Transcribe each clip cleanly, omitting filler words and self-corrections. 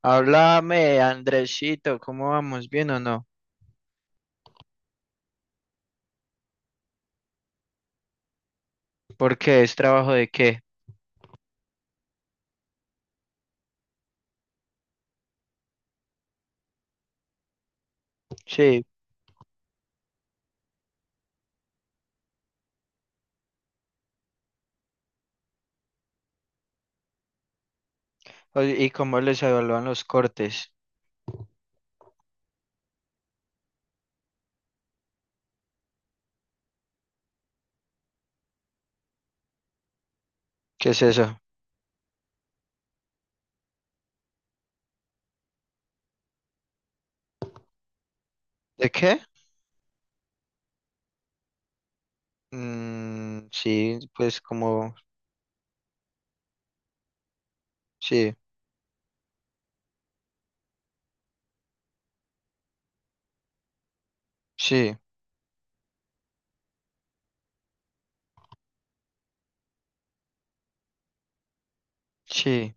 Háblame, Andresito, ¿cómo vamos? ¿Bien o no? ¿Por qué? ¿Es trabajo de qué? Sí. ¿Y cómo les evalúan los cortes? ¿Qué es eso? ¿De qué? Mm, sí, pues como... Sí, sí, sí.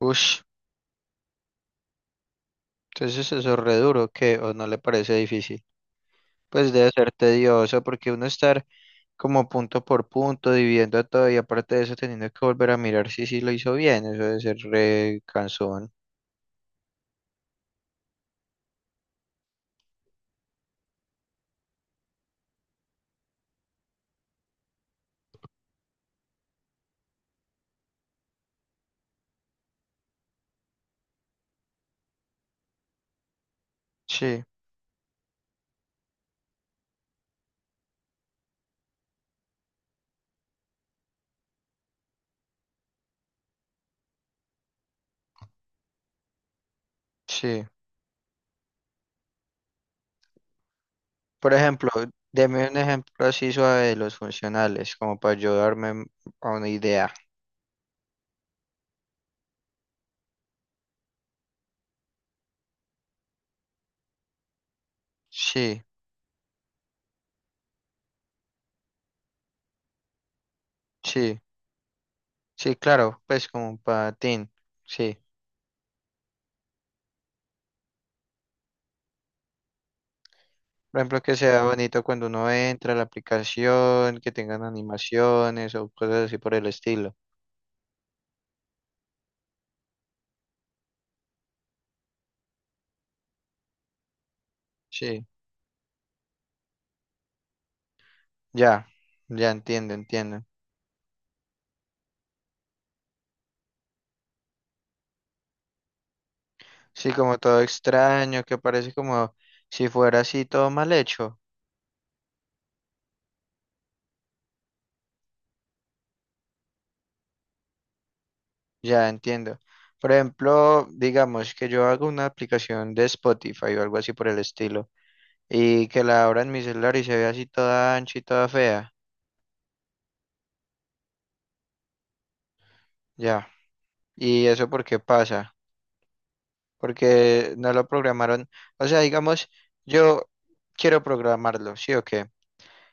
Ush. Entonces eso es re duro, ¿qué? ¿O no le parece difícil? Pues debe ser tedioso porque uno estar como punto por punto, dividiendo todo y aparte de eso teniendo que volver a mirar si sí lo hizo bien, eso debe ser re cansón. Sí, sí. Por ejemplo, deme un ejemplo así suave de los funcionales, como para ayudarme a una idea. Sí, sí, sí, claro, pues como un patín, sí. Por ejemplo, que sea bonito cuando uno entra a la aplicación, que tengan animaciones o cosas así por el estilo. Sí, ya, ya entiendo, entiendo. Sí, como todo extraño, que parece como si fuera así todo mal hecho. Ya entiendo. Por ejemplo, digamos que yo hago una aplicación de Spotify o algo así por el estilo y que la abra en mi celular y se ve así toda ancha y toda fea. Ya. ¿Y eso por qué pasa? Porque no lo programaron. O sea, digamos, yo quiero programarlo, ¿sí o qué?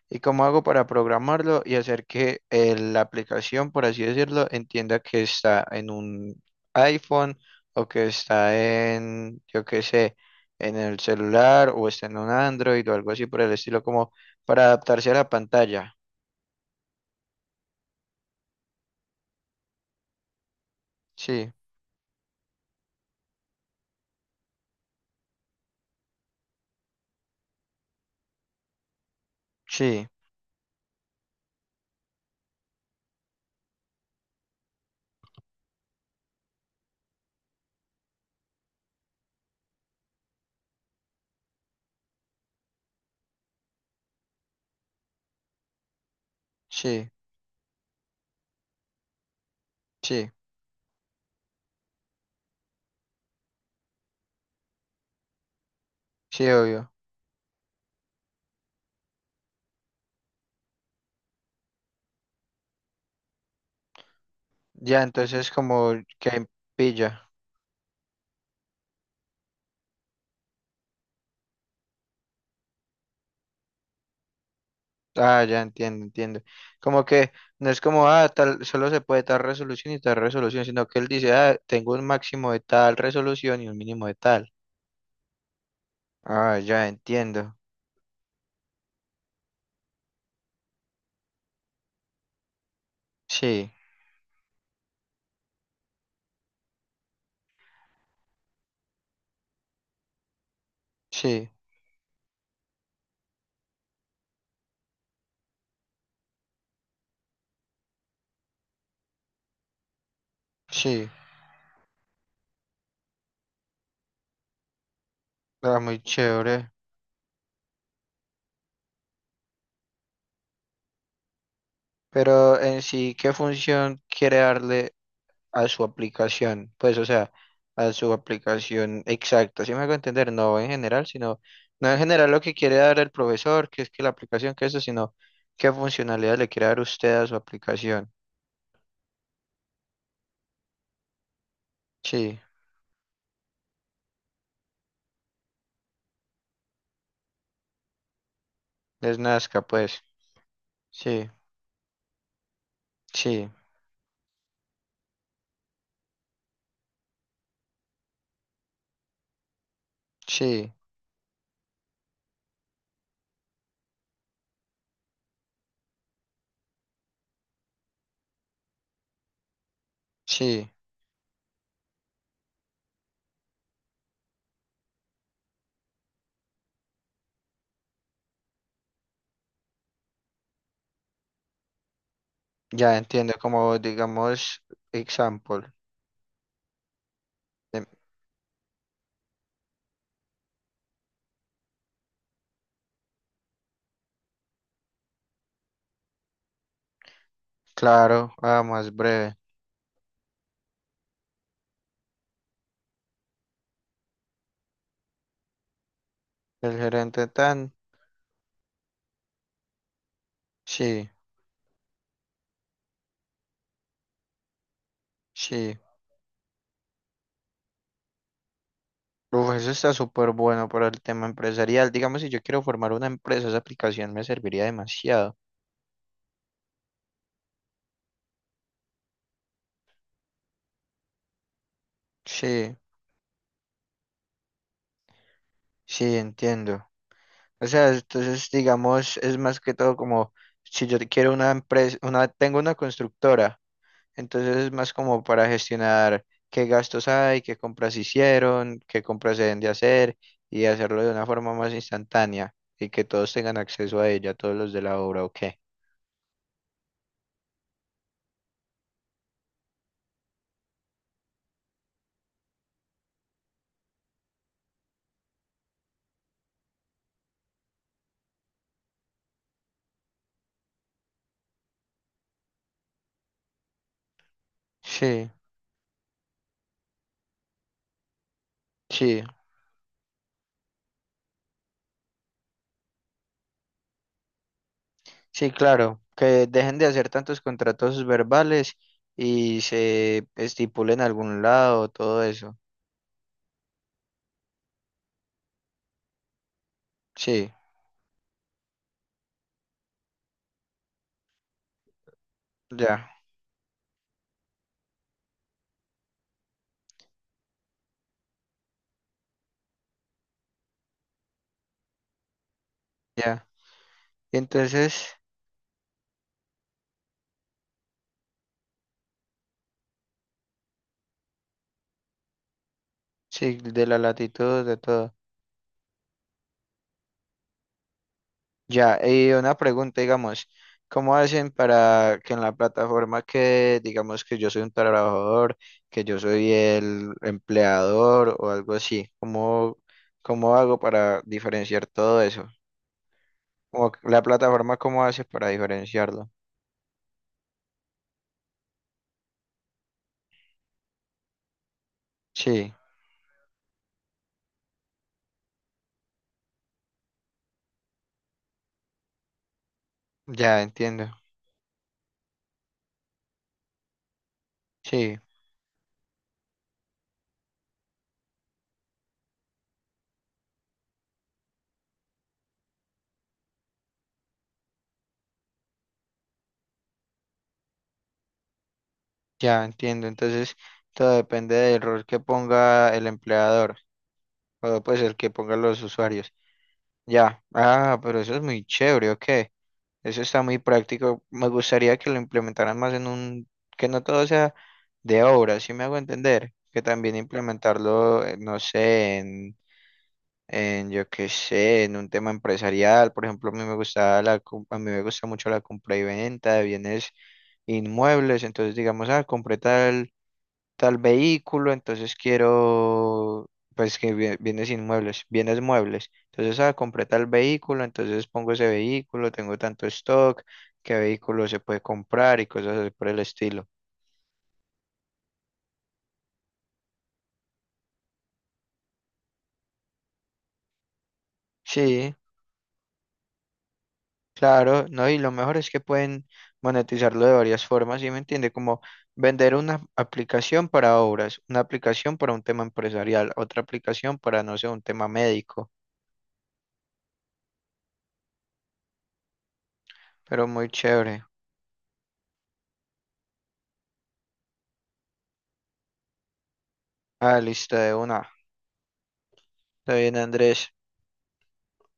¿Y cómo hago para programarlo y hacer que la aplicación, por así decirlo, entienda que está en un iPhone o que está en, yo qué sé, en el celular o está en un Android o algo así por el estilo, como para adaptarse a la pantalla? Sí, sí, sí, sí, sí, obvio. Ya, entonces como que pilla. Ah, ya entiendo, entiendo. Como que no es como, ah, tal, solo se puede tal resolución y tal resolución, sino que él dice, ah, tengo un máximo de tal resolución y un mínimo de tal. Ah, ya entiendo. Sí, sí, sí. Ah, muy chévere. Pero en sí, ¿qué función quiere darle a su aplicación, pues, o sea, a su aplicación exacta, ¿sí me hago entender? No en general, sino, no en general lo que quiere dar el profesor, que es que la aplicación, que eso, sino qué funcionalidad le quiere dar usted a su aplicación. Sí, es Nazca, pues, sí, sí, sí, sí, ya entiendo, como digamos, example, em, claro, ah, más breve, el gerente tan, sí, sí. Uf, eso está súper bueno para el tema empresarial. Digamos, si yo quiero formar una empresa, esa aplicación me serviría demasiado. Sí, sí, entiendo. O sea, entonces, digamos, es más que todo como si yo quiero una empresa, tengo una constructora, entonces es más como para gestionar qué gastos hay, qué compras hicieron, qué compras se deben de hacer y hacerlo de una forma más instantánea y que todos tengan acceso a ella, todos los de la obra, ¿o qué? Sí, sí. Sí, claro, que dejen de hacer tantos contratos verbales y se estipule en algún lado, todo eso. Sí, ya, ya. Y entonces, sí, de la latitud, de todo. Ya, y una pregunta, digamos, ¿cómo hacen para que en la plataforma que, digamos, que yo soy un trabajador, que yo soy el empleador o algo así? ¿Cómo, cómo hago para diferenciar todo eso? Como que la plataforma, ¿cómo hace para diferenciarlo? Sí. Ya entiendo, sí, ya entiendo. Entonces, todo depende del rol que ponga el empleador o pues el que pongan los usuarios. Ya, ah, pero eso es muy chévere, ok. Eso está muy práctico. Me gustaría que lo implementaran más en un, que no todo sea de obra, si me hago entender, que también implementarlo, no sé, en, yo qué sé, en un tema empresarial. Por ejemplo, a mí me gusta a mí me gusta mucho la compra y venta de bienes inmuebles. Entonces, digamos, ah, tal vehículo, entonces quiero, pues que bienes inmuebles, bienes muebles. Entonces, ah, compré tal vehículo, entonces pongo ese vehículo, tengo tanto stock, qué vehículo se puede comprar y cosas así por el estilo. Sí, Claro, ¿no? Y lo mejor es que pueden monetizarlo de varias formas, ¿sí me entiende? Como vender una aplicación para obras, una aplicación para un tema empresarial, otra aplicación para, no sé, un tema médico, pero muy chévere. Ah, lista de una. Está bien, Andrés.